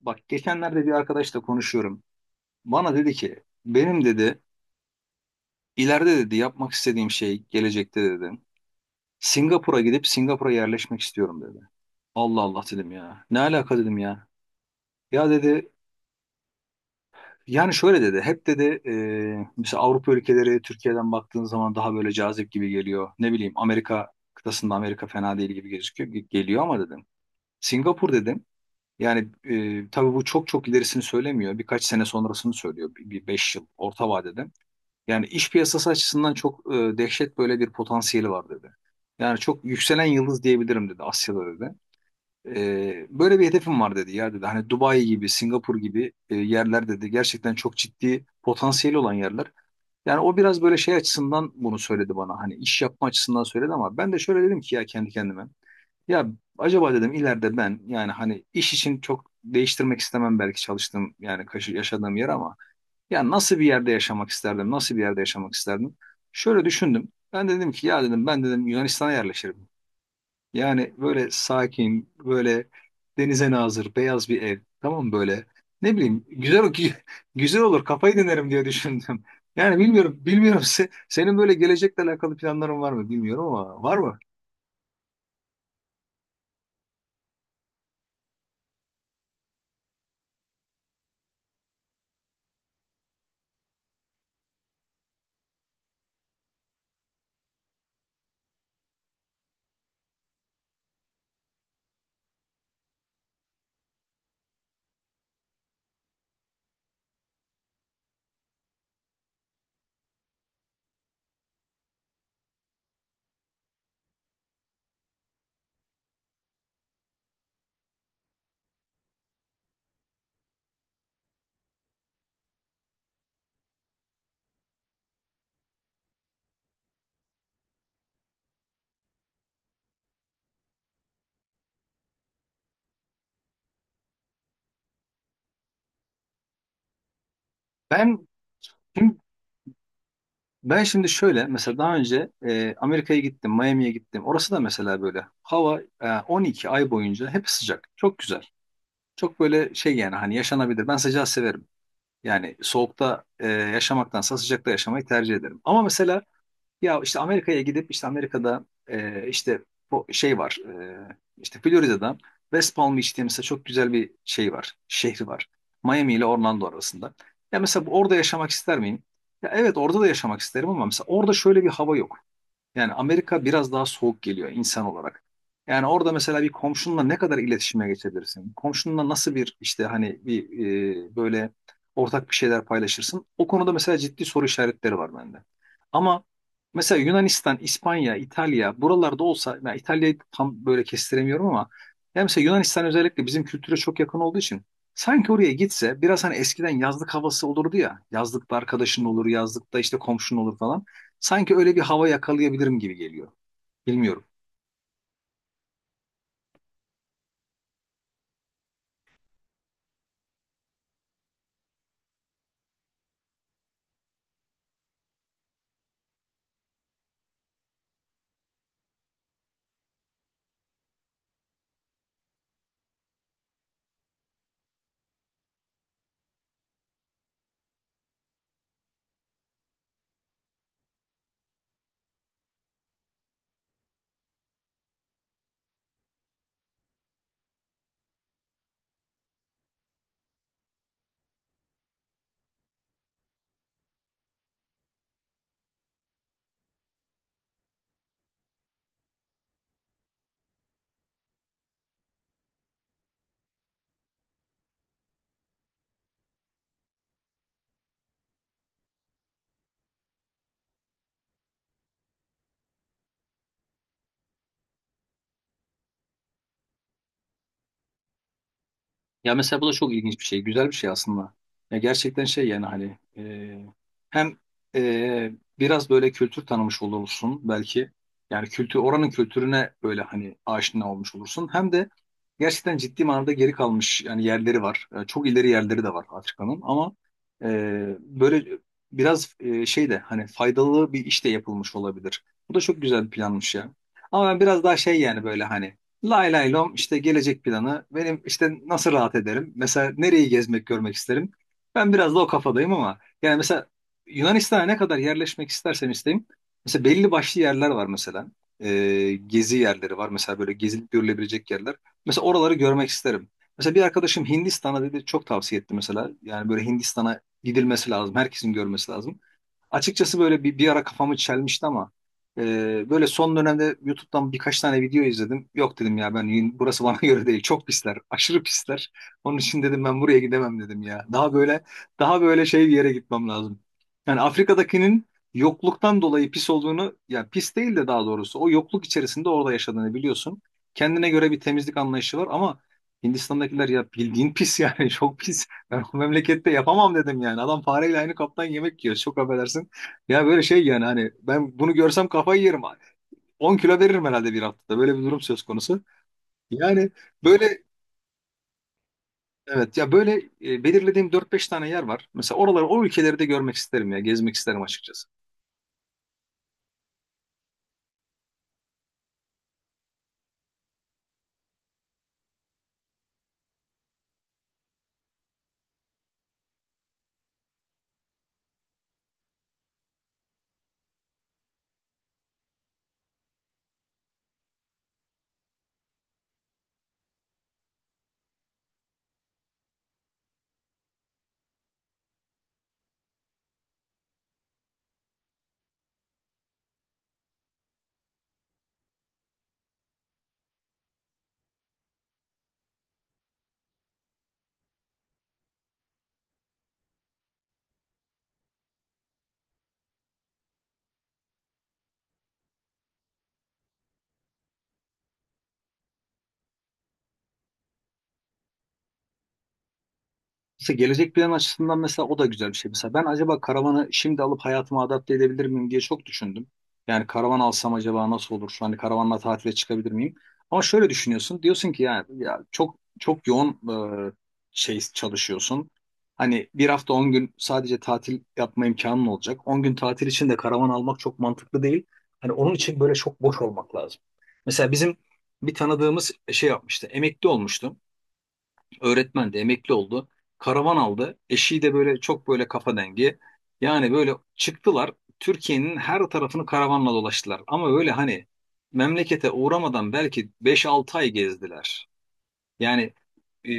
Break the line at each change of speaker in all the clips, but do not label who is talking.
Bak geçenlerde bir arkadaşla konuşuyorum. Bana dedi ki benim dedi ileride dedi yapmak istediğim şey gelecekte dedi. Singapur'a gidip Singapur'a yerleşmek istiyorum dedi. Allah Allah dedim ya. Ne alaka dedim ya. Ya dedi yani şöyle dedi. Hep dedi mesela Avrupa ülkeleri Türkiye'den baktığın zaman daha böyle cazip gibi geliyor. Ne bileyim Amerika kıtasında Amerika fena değil gibi gözüküyor geliyor ama dedim. Singapur dedim. Yani tabii bu çok çok ilerisini söylemiyor. Birkaç sene sonrasını söylüyor. Bir beş yıl orta vadede. Yani iş piyasası açısından çok dehşet böyle bir potansiyeli var dedi. Yani çok yükselen yıldız diyebilirim dedi Asya'da dedi. Böyle bir hedefim var dedi ya dedi. Hani Dubai gibi, Singapur gibi yerler dedi. Gerçekten çok ciddi potansiyeli olan yerler. Yani o biraz böyle şey açısından bunu söyledi bana. Hani iş yapma açısından söyledi ama ben de şöyle dedim ki ya kendi kendime. Ya acaba dedim ileride ben yani hani iş için çok değiştirmek istemem belki çalıştığım yani yaşadığım yer ama ya nasıl bir yerde yaşamak isterdim? Nasıl bir yerde yaşamak isterdim? Şöyle düşündüm. Ben dedim ki ya dedim ben dedim Yunanistan'a yerleşirim. Yani böyle sakin, böyle denize nazır, beyaz bir ev. Tamam mı böyle? Ne bileyim güzel güzel olur kafayı dinlerim diye düşündüm. Yani bilmiyorum bilmiyorum senin böyle gelecekle alakalı planların var mı bilmiyorum ama var mı? Ben şimdi, ben şimdi şöyle mesela daha önce Amerika'ya gittim, Miami'ye gittim. Orası da mesela böyle hava 12 ay boyunca hep sıcak. Çok güzel. Çok böyle şey yani hani yaşanabilir. Ben sıcağı severim. Yani soğukta yaşamaktansa sıcakta yaşamayı tercih ederim. Ama mesela ya işte Amerika'ya gidip işte Amerika'da işte bu şey var. İşte Florida'da West Palm Beach diye mesela çok güzel bir şey var. Şehri var. Miami ile Orlando arasında. Ya mesela orada yaşamak ister miyim? Ya evet orada da yaşamak isterim ama mesela orada şöyle bir hava yok. Yani Amerika biraz daha soğuk geliyor insan olarak. Yani orada mesela bir komşunla ne kadar iletişime geçebilirsin? Komşunla nasıl bir işte hani bir böyle ortak bir şeyler paylaşırsın? O konuda mesela ciddi soru işaretleri var bende. Ama mesela Yunanistan, İspanya, İtalya buralarda olsa ben İtalya'yı tam böyle kestiremiyorum ama yani mesela Yunanistan özellikle bizim kültüre çok yakın olduğu için sanki oraya gitse biraz hani eskiden yazlık havası olurdu ya. Yazlıkta arkadaşın olur, yazlıkta işte komşun olur falan. Sanki öyle bir hava yakalayabilirim gibi geliyor. Bilmiyorum. Ya mesela bu da çok ilginç bir şey. Güzel bir şey aslında. Ya gerçekten şey yani hani hem e, biraz böyle kültür tanımış olursun belki. Yani kültür oranın kültürüne böyle hani aşina olmuş olursun. Hem de gerçekten ciddi manada geri kalmış yani yerleri var. Çok ileri yerleri de var Afrika'nın ama e, böyle biraz şey de hani faydalı bir iş de yapılmış olabilir. Bu da çok güzel bir planmış ya. Ama ben biraz daha şey yani böyle hani lay lay lom işte gelecek planı. Benim işte nasıl rahat ederim? Mesela nereyi gezmek, görmek isterim? Ben biraz da o kafadayım ama yani mesela Yunanistan'a ne kadar yerleşmek istersem isteyeyim. Mesela belli başlı yerler var mesela. Gezi yerleri var. Mesela böyle gezilip görülebilecek yerler. Mesela oraları görmek isterim. Mesela bir arkadaşım Hindistan'a dedi çok tavsiye etti mesela. Yani böyle Hindistan'a gidilmesi lazım. Herkesin görmesi lazım. Açıkçası böyle bir ara kafamı çelmişti ama böyle son dönemde YouTube'dan birkaç tane video izledim. Yok dedim ya ben burası bana göre değil. Çok pisler. Aşırı pisler. Onun için dedim ben buraya gidemem dedim ya. Daha böyle daha böyle şey bir yere gitmem lazım. Yani Afrika'dakinin yokluktan dolayı pis olduğunu ya pis değil de daha doğrusu o yokluk içerisinde orada yaşadığını biliyorsun. Kendine göre bir temizlik anlayışı var ama Hindistan'dakiler ya bildiğin pis yani çok pis. Ben bu memlekette yapamam dedim yani. Adam fareyle aynı kaptan yemek yiyor. Çok affedersin. Ya böyle şey yani hani ben bunu görsem kafayı yerim. 10 kilo veririm herhalde bir haftada. Böyle bir durum söz konusu. Yani böyle evet ya böyle belirlediğim dört beş tane yer var. Mesela oraları o ülkeleri de görmek isterim ya. Gezmek isterim açıkçası. Mesela gelecek plan açısından mesela o da güzel bir şey. Mesela ben acaba karavanı şimdi alıp hayatıma adapte edebilir miyim diye çok düşündüm. Yani karavan alsam acaba nasıl olur? Hani karavanla tatile çıkabilir miyim? Ama şöyle düşünüyorsun. Diyorsun ki yani ya çok çok yoğun e, şey çalışıyorsun. Hani bir hafta 10 gün sadece tatil yapma imkanın olacak. 10 gün tatil için de karavan almak çok mantıklı değil. Hani onun için böyle çok boş olmak lazım. Mesela bizim bir tanıdığımız şey yapmıştı. Emekli olmuştu. Öğretmendi, emekli oldu. Karavan aldı. Eşi de böyle çok böyle kafa dengi. Yani böyle çıktılar. Türkiye'nin her tarafını karavanla dolaştılar. Ama öyle hani memlekete uğramadan belki beş 6 ay gezdiler. Yani e,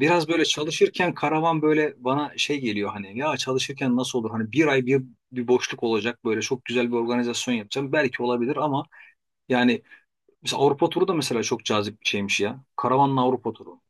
biraz böyle çalışırken karavan böyle bana şey geliyor hani ya çalışırken nasıl olur? Hani bir ay bir boşluk olacak böyle çok güzel bir organizasyon yapacağım. Belki olabilir ama yani mesela Avrupa turu da mesela çok cazip bir şeymiş ya. Karavanla Avrupa turu.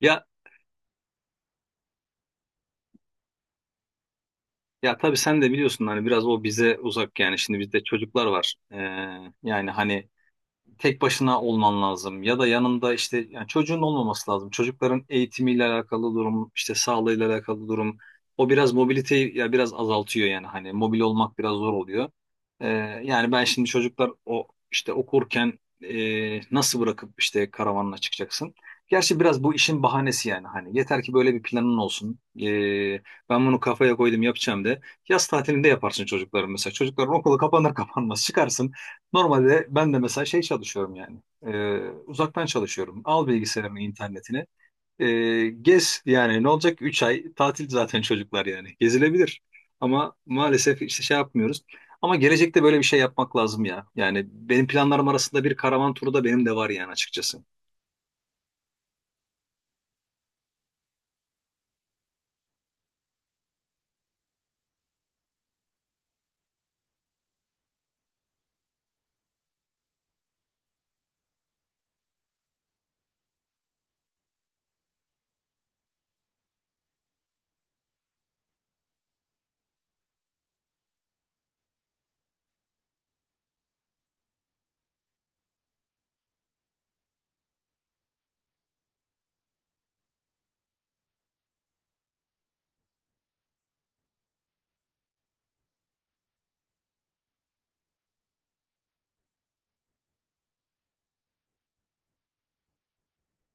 Ya Ya tabii sen de biliyorsun hani biraz o bize uzak yani şimdi bizde çocuklar var. Yani hani tek başına olman lazım ya da yanında işte yani çocuğun olmaması lazım. Çocukların eğitimiyle alakalı durum, işte sağlığıyla alakalı durum. O biraz mobiliteyi ya biraz azaltıyor yani hani mobil olmak biraz zor oluyor. Ee, Yani ben şimdi çocuklar o işte okurken nasıl bırakıp işte karavanla çıkacaksın? Gerçi biraz bu işin bahanesi yani hani yeter ki böyle bir planın olsun. Ben bunu kafaya koydum yapacağım de. Yaz tatilinde yaparsın çocukların mesela. Çocukların okulu kapanır kapanmaz çıkarsın. Normalde ben de mesela şey çalışıyorum yani. Ee, Uzaktan çalışıyorum. Al bilgisayarımı, internetini. Gez yani ne olacak? Üç ay tatil zaten çocuklar yani. Gezilebilir. Ama maalesef işte şey yapmıyoruz. Ama gelecekte böyle bir şey yapmak lazım ya. Yani benim planlarım arasında bir karavan turu da benim de var yani açıkçası.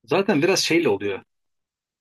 Zaten biraz şeyle oluyor.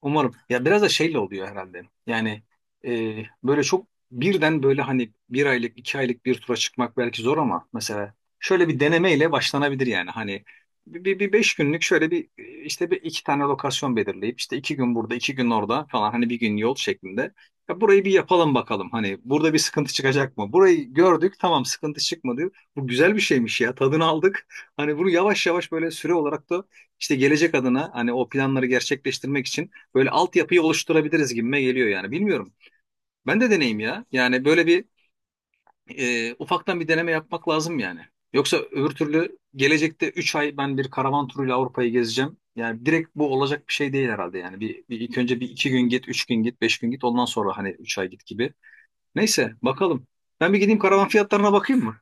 Umarım. Ya biraz da şeyle oluyor herhalde. Yani böyle çok birden böyle hani bir aylık, iki aylık bir tura çıkmak belki zor ama mesela şöyle bir denemeyle başlanabilir yani. Hani bir 5 günlük şöyle bir işte bir iki tane lokasyon belirleyip işte iki gün burada, iki gün orada falan hani bir gün yol şeklinde. Ya burayı bir yapalım bakalım. Hani burada bir sıkıntı çıkacak mı? Burayı gördük tamam sıkıntı çıkmadı. Bu güzel bir şeymiş ya tadını aldık. Hani bunu yavaş yavaş böyle süre olarak da işte gelecek adına hani o planları gerçekleştirmek için böyle altyapıyı oluşturabiliriz gibime geliyor yani. Bilmiyorum. Ben de deneyim ya. Yani böyle bir ufaktan bir deneme yapmak lazım yani. Yoksa öbür türlü gelecekte 3 ay ben bir karavan turuyla Avrupa'yı gezeceğim. Yani direkt bu olacak bir şey değil herhalde yani. Bir ilk önce bir iki gün git, 3 gün git, 5 gün git. Ondan sonra hani 3 ay git gibi. Neyse bakalım. Ben bir gideyim karavan fiyatlarına bakayım mı?